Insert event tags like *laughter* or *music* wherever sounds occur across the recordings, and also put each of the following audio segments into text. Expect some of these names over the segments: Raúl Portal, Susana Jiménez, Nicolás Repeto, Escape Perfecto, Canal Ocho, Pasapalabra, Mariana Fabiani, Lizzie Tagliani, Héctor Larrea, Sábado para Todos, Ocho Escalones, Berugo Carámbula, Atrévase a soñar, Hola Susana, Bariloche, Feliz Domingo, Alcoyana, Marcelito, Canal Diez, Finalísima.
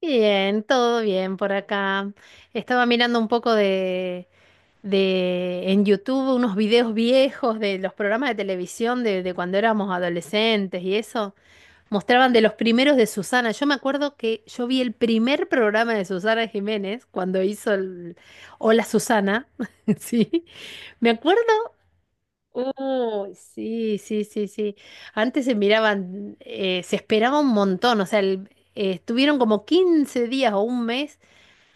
Bien, todo bien por acá. Estaba mirando un poco de en YouTube unos videos viejos de los programas de televisión de cuando éramos adolescentes y eso. Mostraban de los primeros de Susana. Yo me acuerdo que yo vi el primer programa de Susana Jiménez cuando hizo el Hola Susana. *laughs* Sí. Me acuerdo. Oh, sí, sí, sí, sí. Antes se miraban, se esperaba un montón, o sea, estuvieron como 15 días o un mes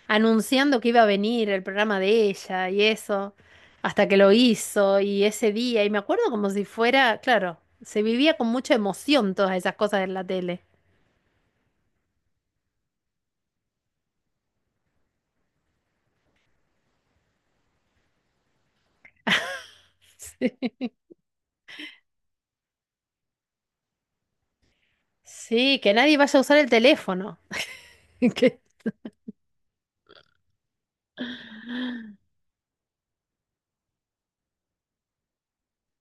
anunciando que iba a venir el programa de ella y eso, hasta que lo hizo y ese día, y me acuerdo como si fuera, claro, se vivía con mucha emoción todas esas cosas en la tele. *laughs* Sí. Sí, que nadie vaya a usar el teléfono. *laughs* Que-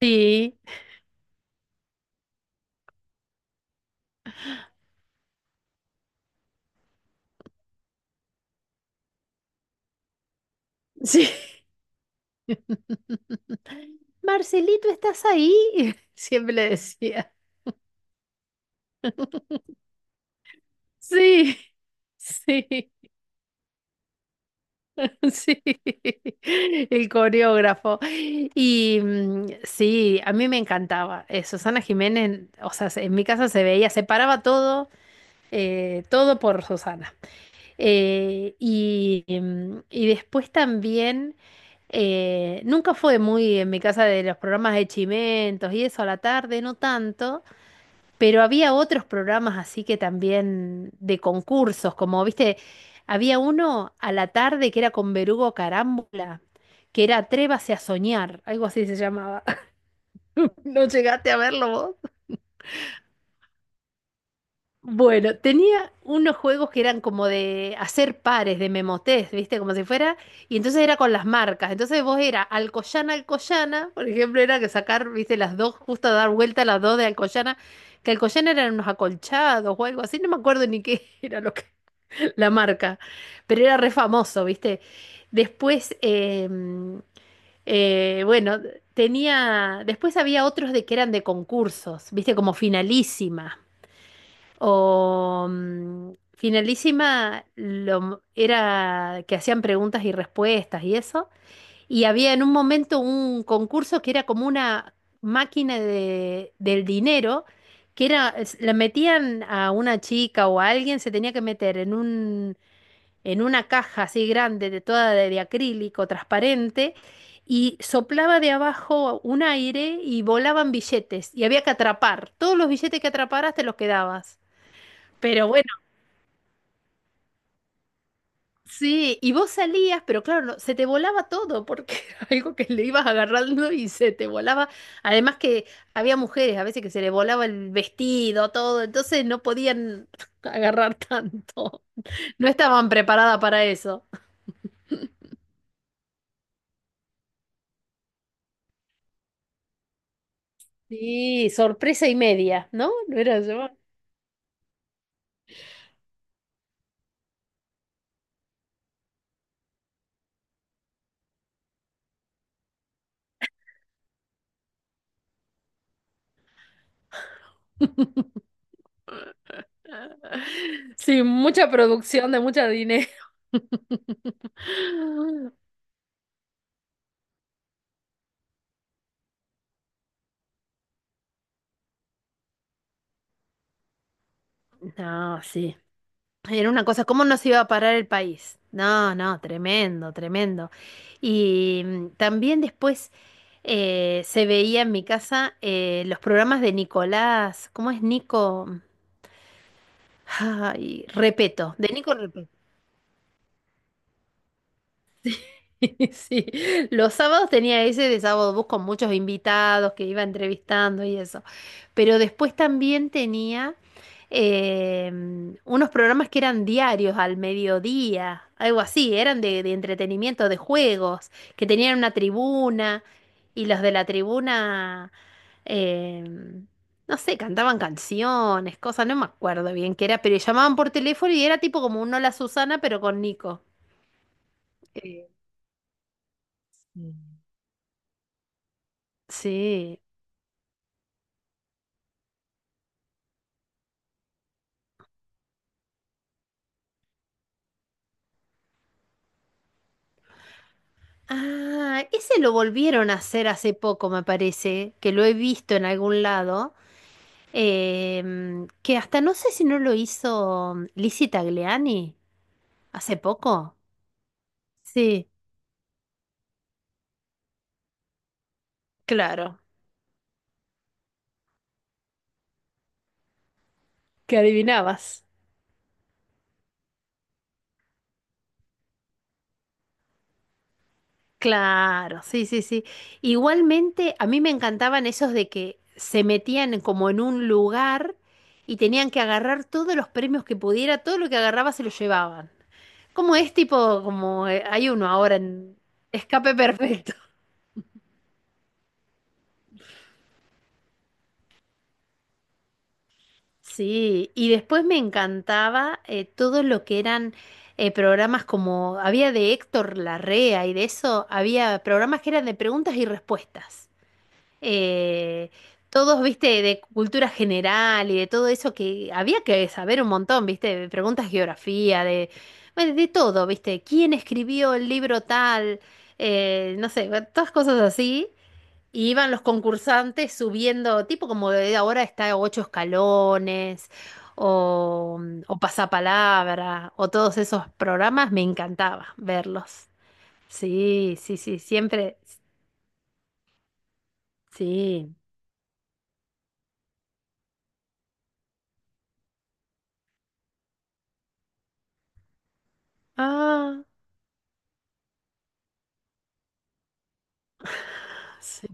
Sí, sí. *laughs* Marcelito, ¿estás ahí? *laughs* Siempre le decía. Sí, sí, *laughs* sí, el coreógrafo. Y sí, a mí me encantaba. Susana Jiménez, o sea, en mi casa se veía, se paraba todo, todo por Susana. Y después también, nunca fue muy en mi casa de los programas de chimentos y eso a la tarde, no tanto. Pero había otros programas así que también de concursos, como viste, había uno a la tarde que era con Berugo Carámbula, que era Atrévase a soñar, algo así se llamaba. *laughs* ¿No llegaste a verlo vos? Bueno, tenía unos juegos que eran como de hacer pares, de memotest, ¿viste? Como si fuera. Y entonces era con las marcas. Entonces vos era Alcoyana, Alcoyana. Por ejemplo, era que sacar, ¿viste? Las dos, justo dar vuelta a las dos de Alcoyana. Que Alcoyana eran unos acolchados o algo así. No me acuerdo ni qué *laughs* era lo que, la marca. Pero era re famoso, ¿viste? Después, bueno, tenía. Después había otros de que eran de concursos, ¿viste? Como finalísima. O mm, Finalísima era que hacían preguntas y respuestas y eso. Y había en un momento un concurso que era como una máquina del dinero, que era, la metían a una chica o a alguien, se tenía que meter en un, en una caja así grande, de toda de acrílico, transparente, y soplaba de abajo un aire y volaban billetes. Y había que atrapar. Todos los billetes que atraparas te los quedabas. Pero bueno. Sí, y vos salías, pero claro, se te volaba todo porque *laughs* era algo que le ibas agarrando y se te volaba. Además que había mujeres a veces que se le volaba el vestido, todo, entonces no podían *laughs* agarrar tanto. No estaban preparadas para eso. Sí, sorpresa y media, ¿no? No era yo. *laughs* Sí, mucha producción de mucho dinero. *laughs* No, sí. Era una cosa, ¿cómo nos iba a parar el país? No, no, tremendo, tremendo. Y también después se veía en mi casa los programas de Nicolás, ¿cómo es Nico? Ay, Repeto, de Nico Repeto. *laughs* Sí, los sábados tenía ese de sábado bus con muchos invitados que iba entrevistando y eso. Pero después también tenía eh, unos programas que eran diarios al mediodía, algo así, eran de entretenimiento, de juegos, que tenían una tribuna y los de la tribuna, eh, no sé, cantaban canciones, cosas, no me acuerdo bien qué era, pero llamaban por teléfono y era tipo como un Hola Susana, pero con Nico. Eh, Sí. Ah, ese lo volvieron a hacer hace poco, me parece, que lo he visto en algún lado, que hasta no sé si no lo hizo Lizzie Tagliani hace poco. Sí, claro, que adivinabas. Claro, sí, sí, sí. Igualmente, a mí me encantaban esos de que se metían como en un lugar y tenían que agarrar todos los premios que pudiera, todo lo que agarraba se lo llevaban. Como es tipo, como hay uno ahora en Escape Perfecto. *laughs* Sí, y después me encantaba todo lo que eran programas como, había de Héctor Larrea y de eso, había programas que eran de preguntas y respuestas. Eh, todos, viste, de cultura general y de todo eso que había que saber un montón, viste, de preguntas de geografía, de, bueno, de todo, viste, quién escribió el libro tal, no sé, bueno, todas cosas así. Y iban los concursantes subiendo, tipo como de ahora está ocho escalones, o, o pasapalabra, o todos esos programas, me encantaba verlos. Sí, sí, sí, siempre, sí. Ah, sí.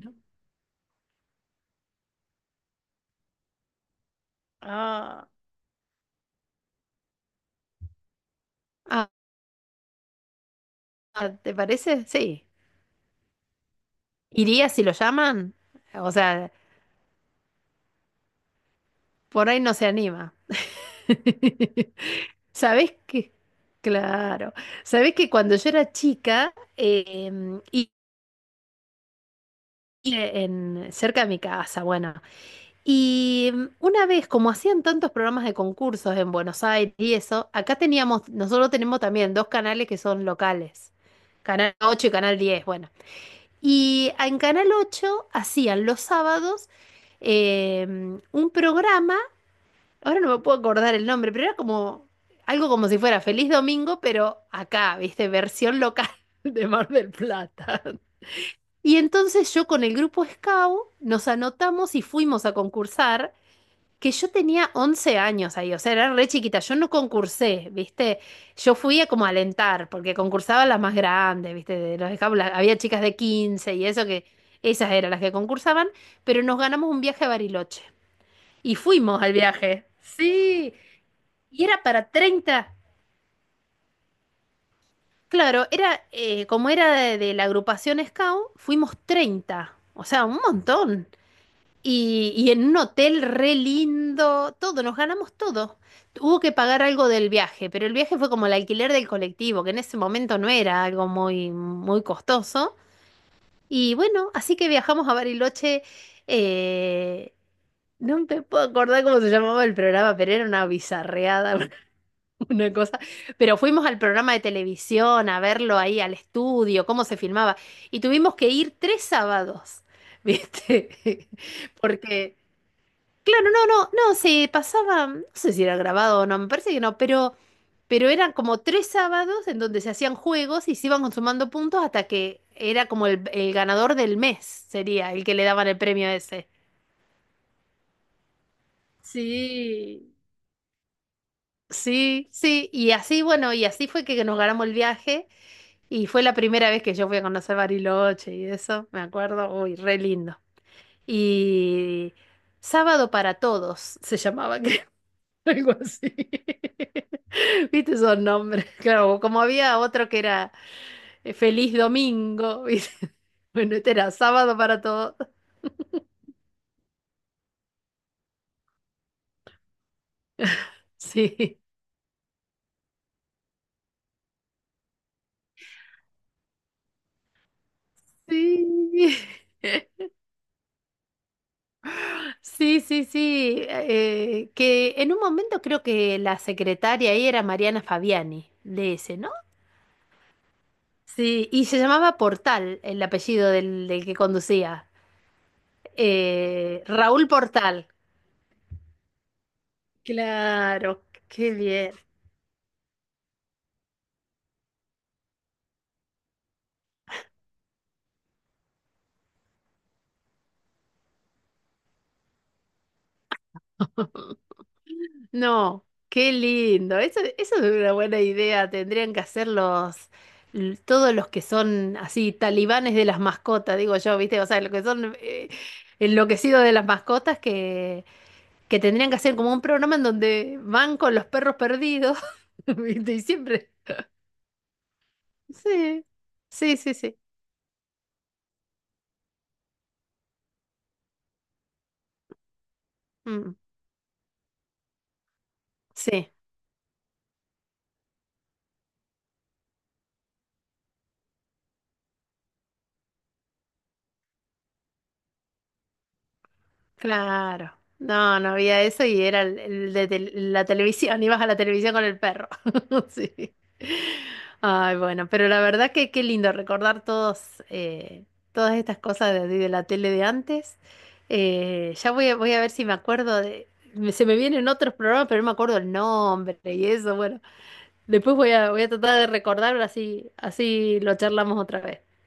Ah, ah, ah, ¿te parece? Sí. ¿Iría si lo llaman? O sea, por ahí no se anima. *laughs* ¿Sabés qué? Claro. ¿Sabés que cuando yo era chica, en, cerca de mi casa, bueno. Y una vez, como hacían tantos programas de concursos en Buenos Aires y eso, acá teníamos, nosotros tenemos también dos canales que son locales, Canal 8 y Canal 10, bueno. Y en Canal 8 hacían los sábados un programa, ahora no me puedo acordar el nombre, pero era como algo como si fuera Feliz Domingo, pero acá, viste, versión local *laughs* de Mar del Plata. Y entonces yo con el grupo Scout nos anotamos y fuimos a concursar, que yo tenía 11 años ahí, o sea, era re chiquita, yo no concursé, ¿viste? Yo fui a como a alentar, porque concursaban las más grandes, ¿viste? De los Scout, había chicas de 15 y eso que, esas eran las que concursaban, pero nos ganamos un viaje a Bariloche. Y fuimos al viaje, sí, y era para 30. Claro, era, como era de la agrupación Scout, fuimos 30, o sea, un montón. Y en un hotel re lindo, todo, nos ganamos todo. Hubo que pagar algo del viaje, pero el viaje fue como el alquiler del colectivo, que en ese momento no era algo muy, muy costoso. Y bueno, así que viajamos a Bariloche. eh, no me puedo acordar cómo se llamaba el programa, pero era una bizarreada, *laughs* una cosa. Pero fuimos al programa de televisión a verlo ahí al estudio, cómo se filmaba. Y tuvimos que ir tres sábados, *laughs* ¿viste? *laughs* Porque Claro, no, no, no, se pasaba, no sé si era grabado o no, me parece que no, pero eran como tres sábados en donde se hacían juegos y se iban consumando puntos hasta que era como el ganador del mes, sería el que le daban el premio ese. Sí. Sí, sí, y así, bueno, y así fue que nos ganamos el viaje y fue la primera vez que yo fui a conocer Bariloche y eso, me acuerdo, uy, re lindo. Y Sábado para Todos se llamaba, *laughs* algo así. *laughs* ¿Viste esos nombres? *laughs* Claro, como había otro que era Feliz Domingo, ¿viste? *laughs* Bueno, este era Sábado para Todos. Sí. Sí, *laughs* sí, sí, sí. Que en un momento creo que la secretaria ahí era Mariana Fabiani, de ese, ¿no? Sí, y se llamaba Portal, el apellido del que conducía. Raúl Portal. Claro, qué bien. No, qué lindo. Eso es una buena idea. Tendrían que hacer los, todos los que son así talibanes de las mascotas, digo yo, ¿viste? O sea, los que son enloquecidos de las mascotas que tendrían que hacer como un programa en donde van con los perros perdidos, *laughs* ¿viste? Y siempre. Sí, sí, sí, sí. Mm, sí. Claro. No, no había eso y era el, la televisión. *laughs* Ibas a la televisión con el perro. *laughs* Sí. Ay, bueno, pero la verdad que qué lindo recordar todos, todas estas cosas de la tele de antes. Voy a ver si me acuerdo de... Se me vienen otros programas, pero no me acuerdo el nombre y eso. Bueno, después voy a tratar de recordar, así, así lo charlamos otra vez.